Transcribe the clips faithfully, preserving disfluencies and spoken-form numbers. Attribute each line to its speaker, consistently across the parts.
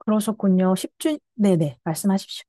Speaker 1: 그러셨군요. 십주 네네, 말씀하십시오.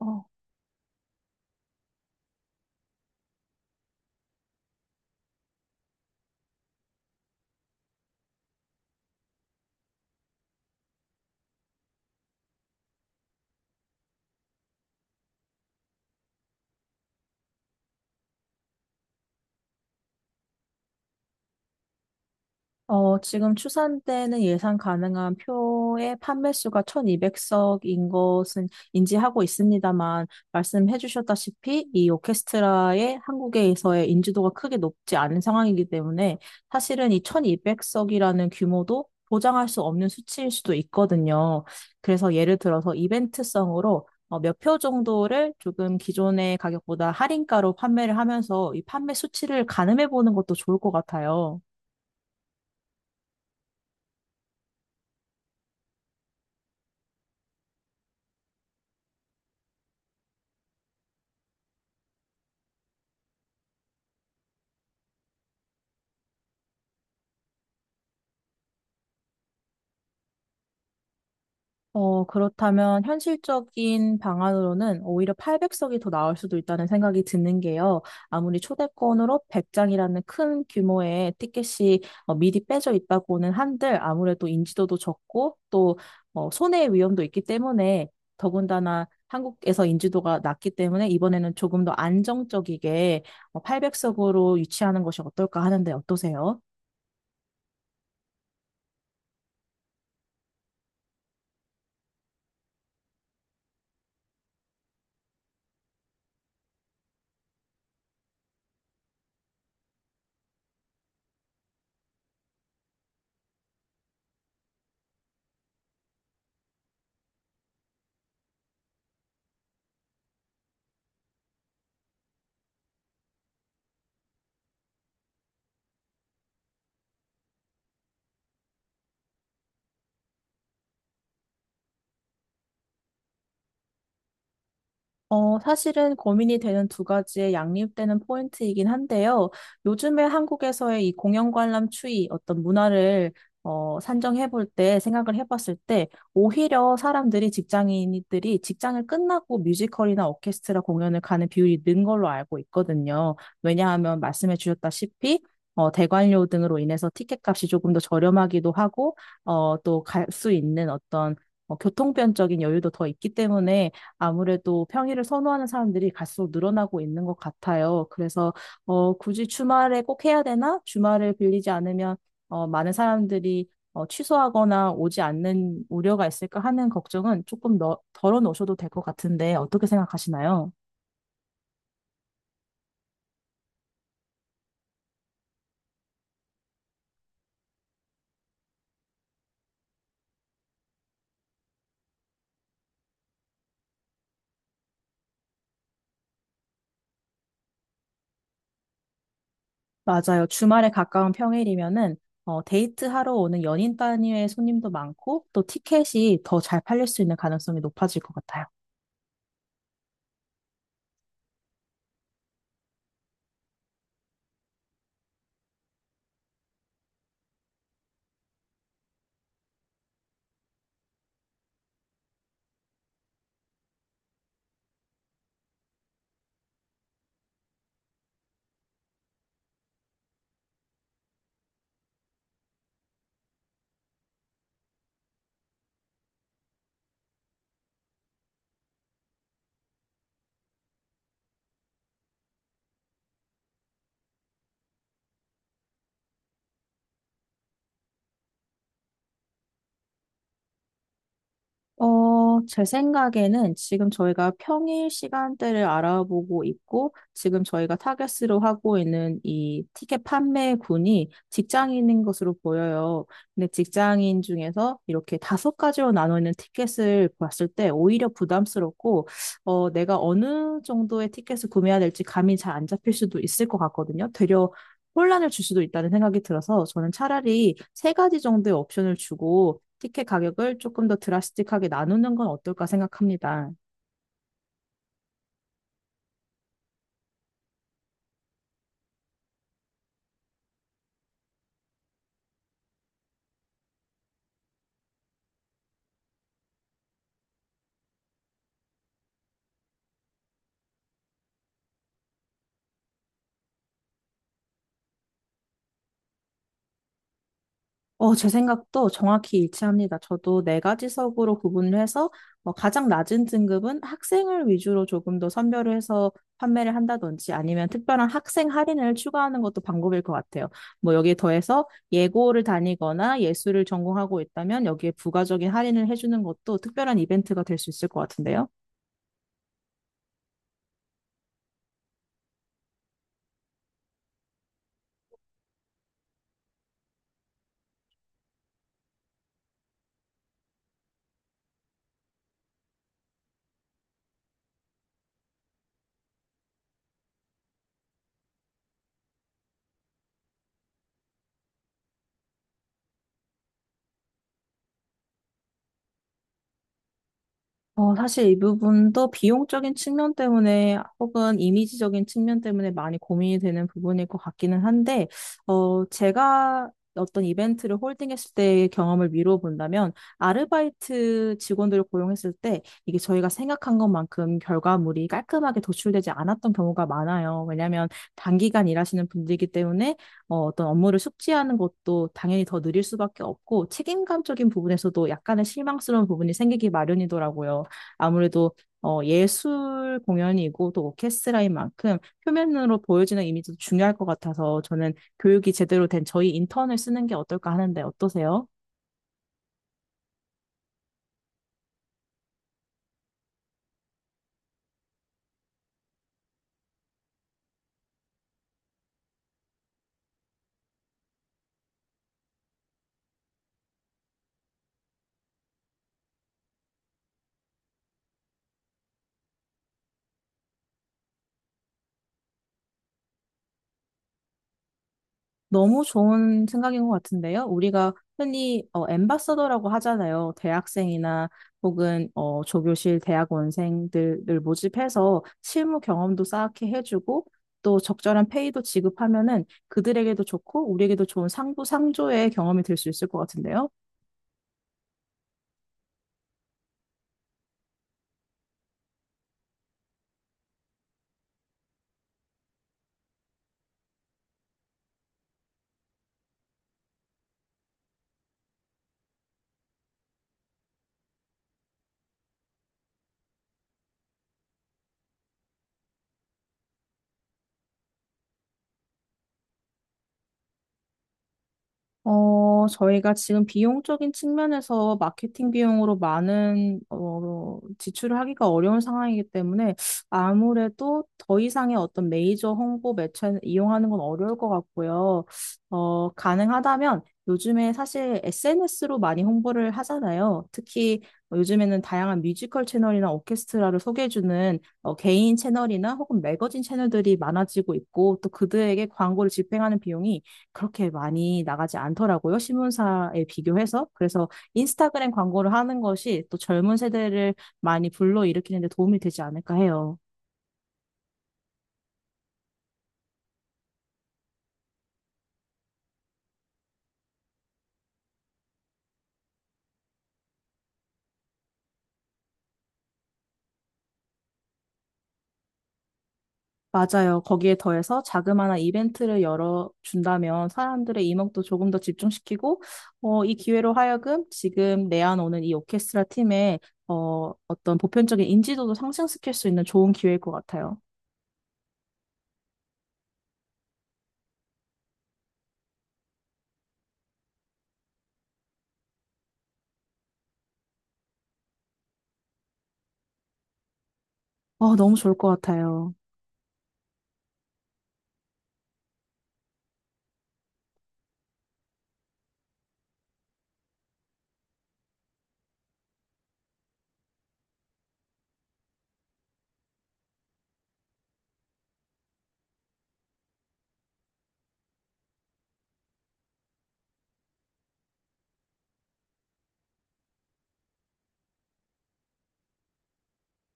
Speaker 1: 어, 어, 지금 추산 때는 예상 가능한 표의 판매 수가 천이백 석인 것은 인지하고 있습니다만, 말씀해 주셨다시피 이 오케스트라의 한국에서의 인지도가 크게 높지 않은 상황이기 때문에 사실은 이 천이백 석이라는 규모도 보장할 수 없는 수치일 수도 있거든요. 그래서 예를 들어서 이벤트성으로 어, 몇 표 정도를 조금 기존의 가격보다 할인가로 판매를 하면서 이 판매 수치를 가늠해 보는 것도 좋을 것 같아요. 어, 그렇다면 현실적인 방안으로는 오히려 팔백 석이 더 나올 수도 있다는 생각이 드는 게요. 아무리 초대권으로 백 장이라는 큰 규모의 티켓이 어, 미리 빼져 있다고는 한들 아무래도 인지도도 적고 또 어, 손해의 위험도 있기 때문에 더군다나 한국에서 인지도가 낮기 때문에 이번에는 조금 더 안정적이게 팔백 석으로 유치하는 것이 어떨까 하는데 어떠세요? 어, 사실은 고민이 되는 두 가지의 양립되는 포인트이긴 한데요. 요즘에 한국에서의 이 공연 관람 추이, 어떤 문화를 어, 산정해 볼 때, 생각을 해 봤을 때, 오히려 사람들이, 직장인들이 직장을 끝나고 뮤지컬이나 오케스트라 공연을 가는 비율이 는 걸로 알고 있거든요. 왜냐하면 말씀해 주셨다시피, 어, 대관료 등으로 인해서 티켓값이 조금 더 저렴하기도 하고, 어, 또 갈 수 있는 어떤 어, 교통편적인 여유도 더 있기 때문에 아무래도 평일을 선호하는 사람들이 갈수록 늘어나고 있는 것 같아요. 그래서 어, 굳이 주말에 꼭 해야 되나? 주말을 빌리지 않으면 어, 많은 사람들이 어, 취소하거나 오지 않는 우려가 있을까 하는 걱정은 조금 더 덜어놓으셔도 될 것 같은데 어떻게 생각하시나요? 맞아요. 주말에 가까운 평일이면은 어, 데이트하러 오는 연인 단위의 손님도 많고 또 티켓이 더 잘 팔릴 수 있는 가능성이 높아질 것 같아요. 어, 제 생각에는 지금 저희가 평일 시간대를 알아보고 있고, 지금 저희가 타겟으로 하고 있는 이 티켓 판매군이 직장인인 것으로 보여요. 근데 직장인 중에서 이렇게 다섯 가지로 나눠 있는 티켓을 봤을 때 오히려 부담스럽고, 어, 내가 어느 정도의 티켓을 구매해야 될지 감이 잘 안 잡힐 수도 있을 것 같거든요. 되려 혼란을 줄 수도 있다는 생각이 들어서 저는 차라리 세 가지 정도의 옵션을 주고 티켓 가격을 조금 더 드라스틱하게 나누는 건 어떨까 생각합니다. 어, 제 생각도 정확히 일치합니다. 저도 네 가지석으로 구분을 해서 어, 가장 낮은 등급은 학생을 위주로 조금 더 선별을 해서 판매를 한다든지 아니면 특별한 학생 할인을 추가하는 것도 방법일 것 같아요. 뭐 여기에 더해서 예고를 다니거나 예술을 전공하고 있다면 여기에 부가적인 할인을 해주는 것도 특별한 이벤트가 될 수 있을 것 같은데요. 어, 사실 이 부분도 비용적인 측면 때문에 혹은 이미지적인 측면 때문에 많이 고민이 되는 부분일 것 같기는 한데, 어, 제가 어떤 이벤트를 홀딩했을 때의 경험을 미루어 본다면, 아르바이트 직원들을 고용했을 때 이게 저희가 생각한 것만큼 결과물이 깔끔하게 도출되지 않았던 경우가 많아요. 왜냐하면 단기간 일하시는 분들이기 때문에 어, 어떤 업무를 숙지하는 것도 당연히 더 느릴 수밖에 없고 책임감적인 부분에서도 약간의 실망스러운 부분이 생기기 마련이더라고요. 아무래도 어, 예술 공연이고 또 오케스트라인 만큼 표면으로 보여지는 이미지도 중요할 것 같아서 저는 교육이 제대로 된 저희 인턴을 쓰는 게 어떨까 하는데 어떠세요? 너무 좋은 생각인 것 같은데요. 우리가 흔히 어, 앰바서더라고 하잖아요. 대학생이나 혹은 어, 조교실 대학원생들을 모집해서 실무 경험도 쌓게 해주고 또 적절한 페이도 지급하면은 그들에게도 좋고 우리에게도 좋은 상부 상조의 경험이 될 수 있을 것 같은데요. 어, 저희가 지금 비용적인 측면에서 마케팅 비용으로 많은 어, 지출을 하기가 어려운 상황이기 때문에 아무래도 더 이상의 어떤 메이저 홍보 매체는 이용하는 건 어려울 것 같고요. 어, 가능하다면 요즘에 사실 에스엔에스로 많이 홍보를 하잖아요. 특히 요즘에는 다양한 뮤지컬 채널이나 오케스트라를 소개해주는 어, 개인 채널이나 혹은 매거진 채널들이 많아지고 있고 또 그들에게 광고를 집행하는 비용이 그렇게 많이 나가지 않더라고요. 신문사에 비교해서. 그래서 인스타그램 광고를 하는 것이 또 젊은 세대를 많이 불러일으키는 데 도움이 되지 않을까 해요. 맞아요. 거기에 더해서 자그마한 이벤트를 열어준다면 사람들의 이목도 조금 더 집중시키고, 어, 이 기회로 하여금 지금 내한 오는 이 오케스트라 팀의 어, 어떤 보편적인 인지도도 상승시킬 수 있는 좋은 기회일 것 같아요. 어, 너무 좋을 것 같아요.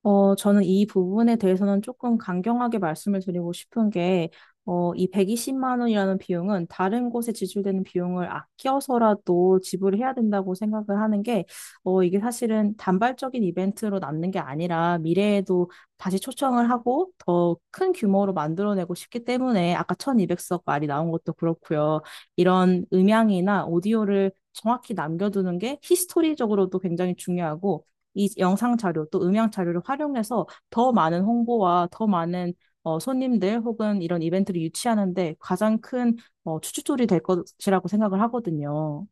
Speaker 1: 어, 저는 이 부분에 대해서는 조금 강경하게 말씀을 드리고 싶은 게, 어, 이 백이십만 원이라는 비용은 다른 곳에 지출되는 비용을 아껴서라도 지불해야 된다고 생각을 하는 게, 어, 이게 사실은 단발적인 이벤트로 남는 게 아니라 미래에도 다시 초청을 하고 더 큰 규모로 만들어내고 싶기 때문에 아까 천이백 석 말이 나온 것도 그렇고요. 이런 음향이나 오디오를 정확히 남겨두는 게 히스토리적으로도 굉장히 중요하고, 이 영상 자료 또 음향 자료를 활용해서 더 많은 홍보와 더 많은 어, 손님들 혹은 이런 이벤트를 유치하는데 가장 큰 어, 추진돌이 될 것이라고 생각을 하거든요.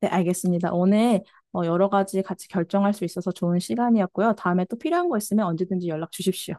Speaker 1: 네, 알겠습니다. 오늘 어, 여러 가지 같이 결정할 수 있어서 좋은 시간이었고요. 다음에 또 필요한 거 있으면 언제든지 연락 주십시오.